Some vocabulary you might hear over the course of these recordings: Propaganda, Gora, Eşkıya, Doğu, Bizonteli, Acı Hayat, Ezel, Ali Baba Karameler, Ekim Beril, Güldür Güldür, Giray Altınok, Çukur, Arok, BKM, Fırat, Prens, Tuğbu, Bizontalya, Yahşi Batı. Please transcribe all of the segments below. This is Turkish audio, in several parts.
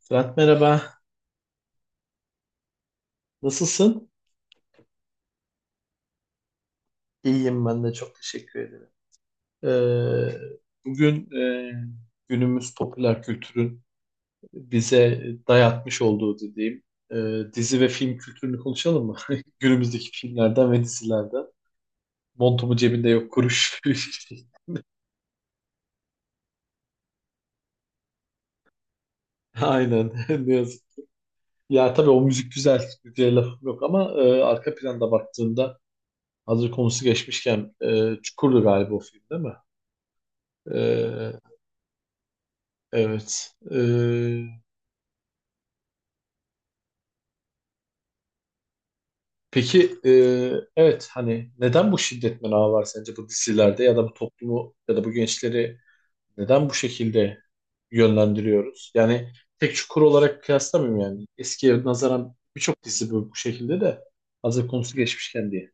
Fırat merhaba, nasılsın? İyiyim ben de çok teşekkür ederim. Ee, bugün günümüz popüler kültürün bize dayatmış olduğu dediğim e, dizi ve film kültürünü konuşalım mı? Günümüzdeki filmlerden ve dizilerden. Montumu cebinde yok kuruş. Aynen ne yazık. Ya tabii o müzik güzel, güzel lafım yok ama arka planda baktığında hazır konusu geçmişken Çukur'du galiba o film değil mi? E, evet. Peki evet hani neden bu şiddet menağı var sence bu dizilerde ya da bu toplumu ya da bu gençleri neden bu şekilde yönlendiriyoruz? Yani tek çukur olarak kıyaslamıyorum yani. Eskiye nazaran birçok dizi bu şekilde de hazır konusu geçmişken diye.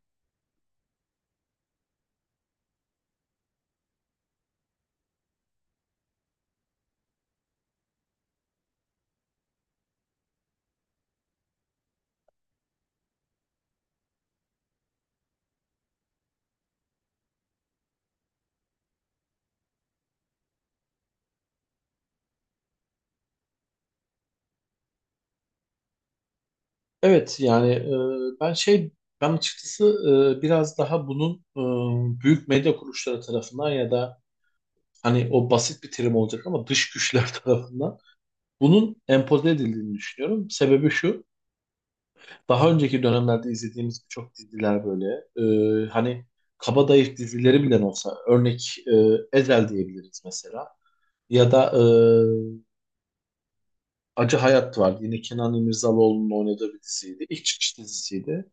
Evet yani ben şey ben açıkçası biraz daha bunun büyük medya kuruluşları tarafından ya da hani o basit bir terim olacak ama dış güçler tarafından bunun empoze edildiğini düşünüyorum. Sebebi şu. Daha önceki dönemlerde izlediğimiz birçok diziler böyle. Hani kabadayı dizileri bile olsa örnek Ezel diyebiliriz mesela. Ya da Acı Hayat var. Yine Kenan İmirzalıoğlu'nun oynadığı bir diziydi. İlk çıkış dizisiydi.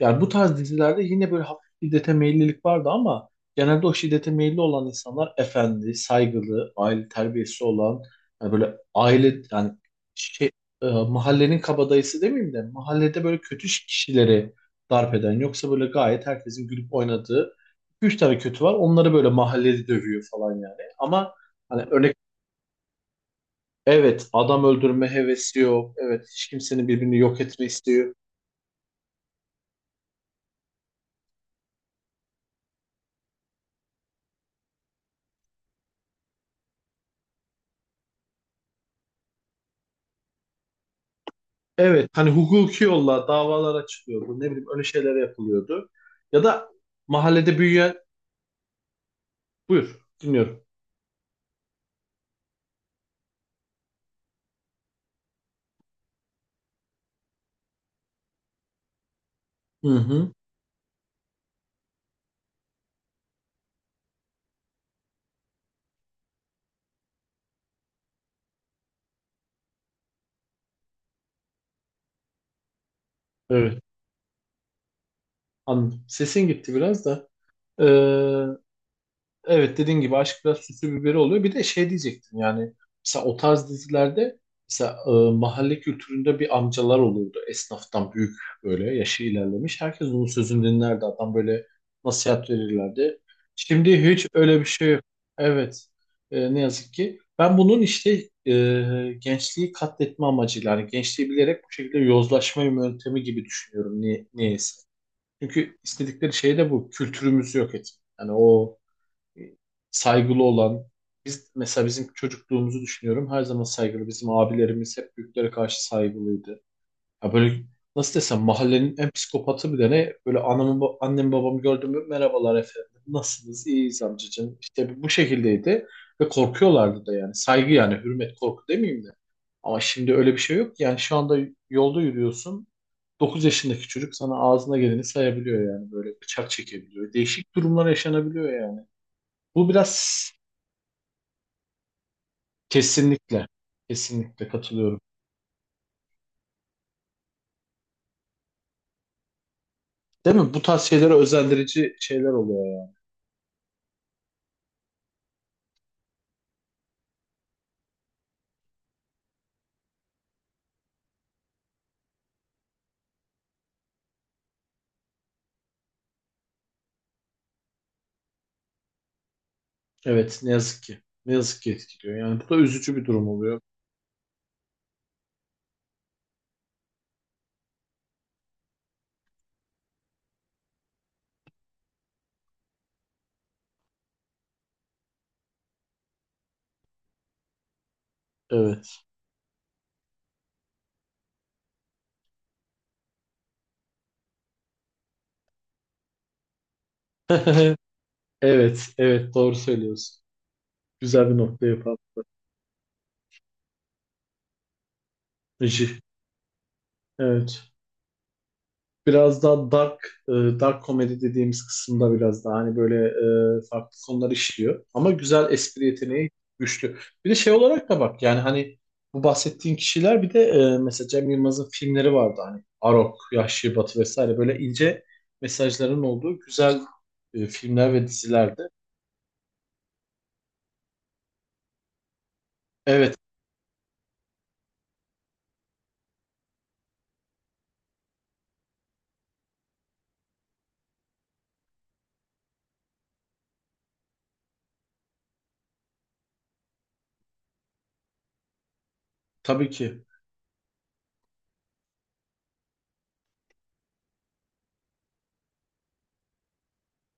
Yani bu tarz dizilerde yine böyle hafif şiddete meyillilik vardı ama genelde o şiddete meyilli olan insanlar efendi, saygılı, aile terbiyesi olan, yani böyle aile yani şey, mahallenin kabadayısı demeyeyim de mahallede böyle kötü kişileri darp eden yoksa böyle gayet herkesin gülüp oynadığı iki üç tane kötü var. Onları böyle mahallede dövüyor falan yani. Ama hani örnek evet adam öldürme hevesi yok. Evet hiç kimsenin birbirini yok etme isteği yok. Evet hani hukuki yolla davalara çıkıyordu. Ne bileyim öyle şeyler yapılıyordu. Ya da mahallede büyüyen... Buyur dinliyorum. Hı hı. Evet anladım. Sesin gitti biraz da. Ee, Evet dediğin gibi aşk biraz süslü biberi oluyor. Bir de şey diyecektim yani mesela o tarz dizilerde mesela mahalle kültüründe bir amcalar olurdu. Esnaftan büyük böyle yaşı ilerlemiş. Herkes onun sözünü dinlerdi. Adam böyle nasihat verirlerdi. Şimdi hiç öyle bir şey yok. Evet. Ne yazık ki. Ben bunun işte e, gençliği katletme amacıyla yani gençliği bilerek bu şekilde yozlaşma yöntemi gibi düşünüyorum. Niye, niyeyse. Çünkü istedikleri şey de bu. Kültürümüzü yok etmek. Yani o saygılı olan biz mesela bizim çocukluğumuzu düşünüyorum her zaman saygılı bizim abilerimiz hep büyüklere karşı saygılıydı. Ya böyle nasıl desem mahallenin en psikopatı bir tane böyle anamı annem babamı gördüm mü merhabalar efendim nasılsınız iyiyiz amcacığım işte bu şekildeydi ve korkuyorlardı da yani saygı yani hürmet korku demeyeyim de ama şimdi öyle bir şey yok yani şu anda yolda yürüyorsun 9 yaşındaki çocuk sana ağzına geleni sayabiliyor yani böyle bıçak çekebiliyor değişik durumlar yaşanabiliyor yani. Bu biraz kesinlikle, kesinlikle katılıyorum. Değil mi? Bu tarz şeylere özendirici şeyler oluyor ya. Evet, ne yazık ki. Ne yazık ki etkiliyor. Yani bu da üzücü bir durum oluyor. Evet. Evet, evet doğru söylüyorsun. Güzel bir nokta yapalım. Rejim. Evet. Biraz daha dark komedi dediğimiz kısımda biraz daha hani böyle farklı konular işliyor. Ama güzel espri yeteneği güçlü. Bir de şey olarak da bak yani hani bu bahsettiğin kişiler bir de mesela Cem Yılmaz'ın filmleri vardı hani Arok, Yahşi Batı vesaire böyle ince mesajların olduğu güzel filmler ve dizilerdi. Evet, tabii ki.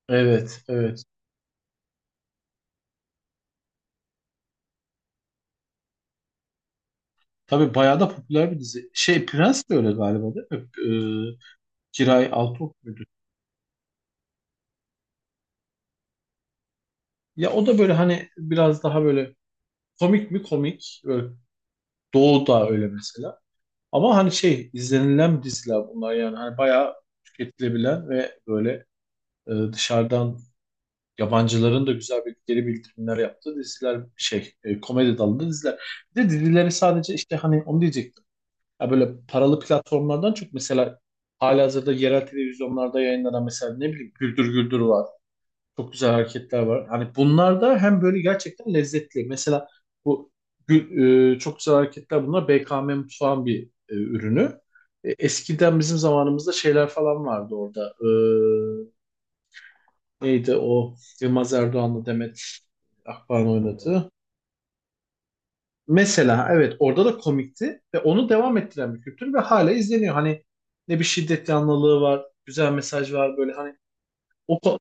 Evet, evet. Tabii bayağı da popüler bir dizi. Şey Prens de öyle galiba değil mi? Giray Altınok muydu? Ya o da böyle hani biraz daha böyle komik mi? Komik. Böyle Doğu da öyle mesela. Ama hani şey izlenilen diziler bunlar yani. Hani bayağı tüketilebilen ve böyle dışarıdan yabancıların da güzel bir geri bildirimler yaptığı diziler şey komedi dalında diziler. Bir de dizileri sadece işte hani onu diyecektim. Ya böyle paralı platformlardan çok mesela halihazırda yerel televizyonlarda yayınlanan mesela ne bileyim Güldür Güldür var. Çok güzel hareketler var. Hani bunlar da hem böyle gerçekten lezzetli. Mesela bu çok güzel hareketler bunlar BKM mutfağın bir ürünü. Eskiden bizim zamanımızda şeyler falan vardı orada. Neydi o Yılmaz Erdoğan'la Demet Akbağ'ın oynadığı. Mesela evet orada da komikti ve onu devam ettiren bir kültür ve hala izleniyor. Hani ne bir şiddet yanlılığı var, güzel mesaj var böyle hani o ko-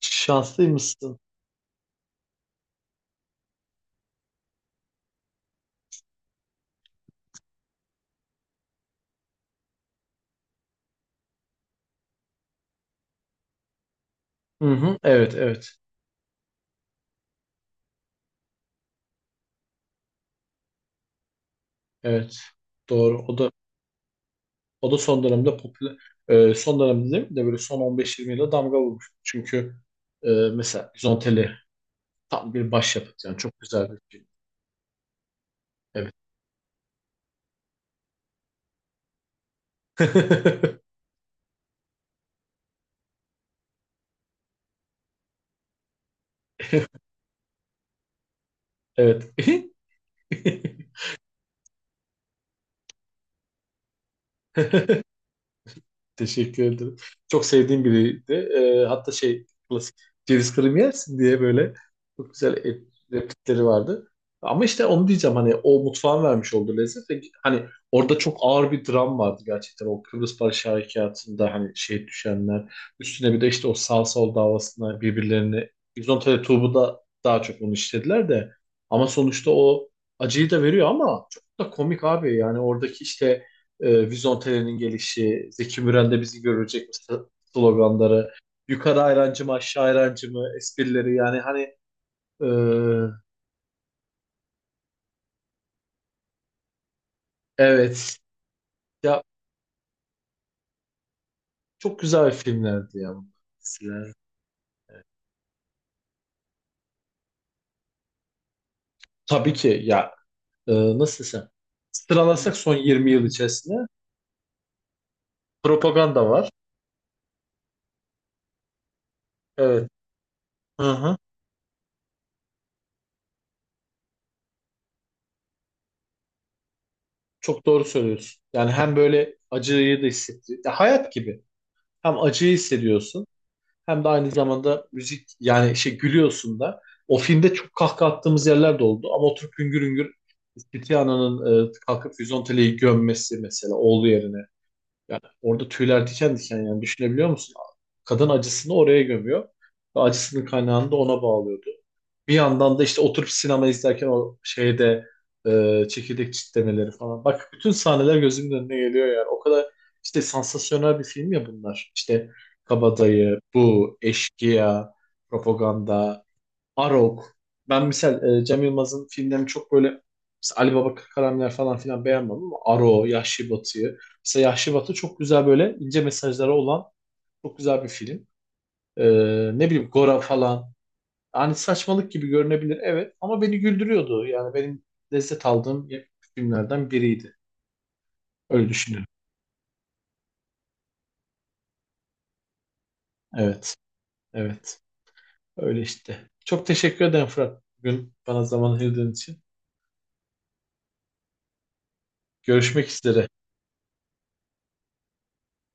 şanslıymışsın. Hı hı, evet evet. Evet. Doğru. O da son dönemde popüler son dönemde değil mi de böyle son 15-20 yılda damga vurmuş. Çünkü mesela Bizonteli tam bir başyapıt yani çok güzel bir film. Evet. Evet. Teşekkür ederim. Çok sevdiğim biriydi. Hatta şey klasik ceviz kırım yersin diye böyle çok güzel replikleri vardı. Ama işte onu diyeceğim hani o mutfağın vermiş olduğu lezzet ve hani orada çok ağır bir dram vardı gerçekten o Kıbrıs Barış Harekatı'nda hani şey düşenler üstüne bir de işte o sağ sol davasına birbirlerini Bizontalya Tuğbu da daha çok onu işlediler de ama sonuçta o acıyı da veriyor ama çok da komik abi yani oradaki işte Vizontele'nin gelişi, Zeki Müren'de bizi görecek mi sloganları, yukarı ayrancı mı aşağı ayrancı mı esprileri yani hani e, evet ya çok güzel filmlerdi ya bunlar. Diziler. Tabii ki ya nasıl desem sıralasak son 20 yıl içerisinde propaganda var. Evet. Hı hı. Çok doğru söylüyorsun. Yani hem böyle acıyı da hissettiriyor. Ya hayat gibi. Hem acıyı hissediyorsun. Hem de aynı zamanda müzik yani şey gülüyorsun da. O filmde çok kahkaha attığımız yerler de oldu ama oturup hüngür hüngür Tiziano'nun kalkıp Vizontele'yi gömmesi mesela oğlu yerine. Yani orada tüyler diken diken yani düşünebiliyor musun? Kadın acısını oraya gömüyor ve acısının kaynağını da ona bağlıyordu. Bir yandan da işte oturup sinema izlerken o şeyde çekirdek çitlemeleri falan. Bak bütün sahneler gözümün önüne geliyor yani. O kadar işte sansasyonel bir film ya bunlar. İşte Kabadayı, Bu, Eşkıya, Propaganda, Arok. Ben misal Cem Yılmaz'ın filmlerini çok böyle mesela Ali Baba Karameler falan filan beğenmem ama Aro, Yahşi Batı'yı. Mesela Yahşi Batı çok güzel böyle ince mesajları olan çok güzel bir film. E, ne bileyim Gora falan. Hani saçmalık gibi görünebilir evet ama beni güldürüyordu. Yani benim lezzet aldığım filmlerden biriydi. Öyle düşünüyorum. Evet. Evet. Öyle işte. Çok teşekkür ederim Fırat. Bugün bana zaman ayırdığın için. Görüşmek üzere.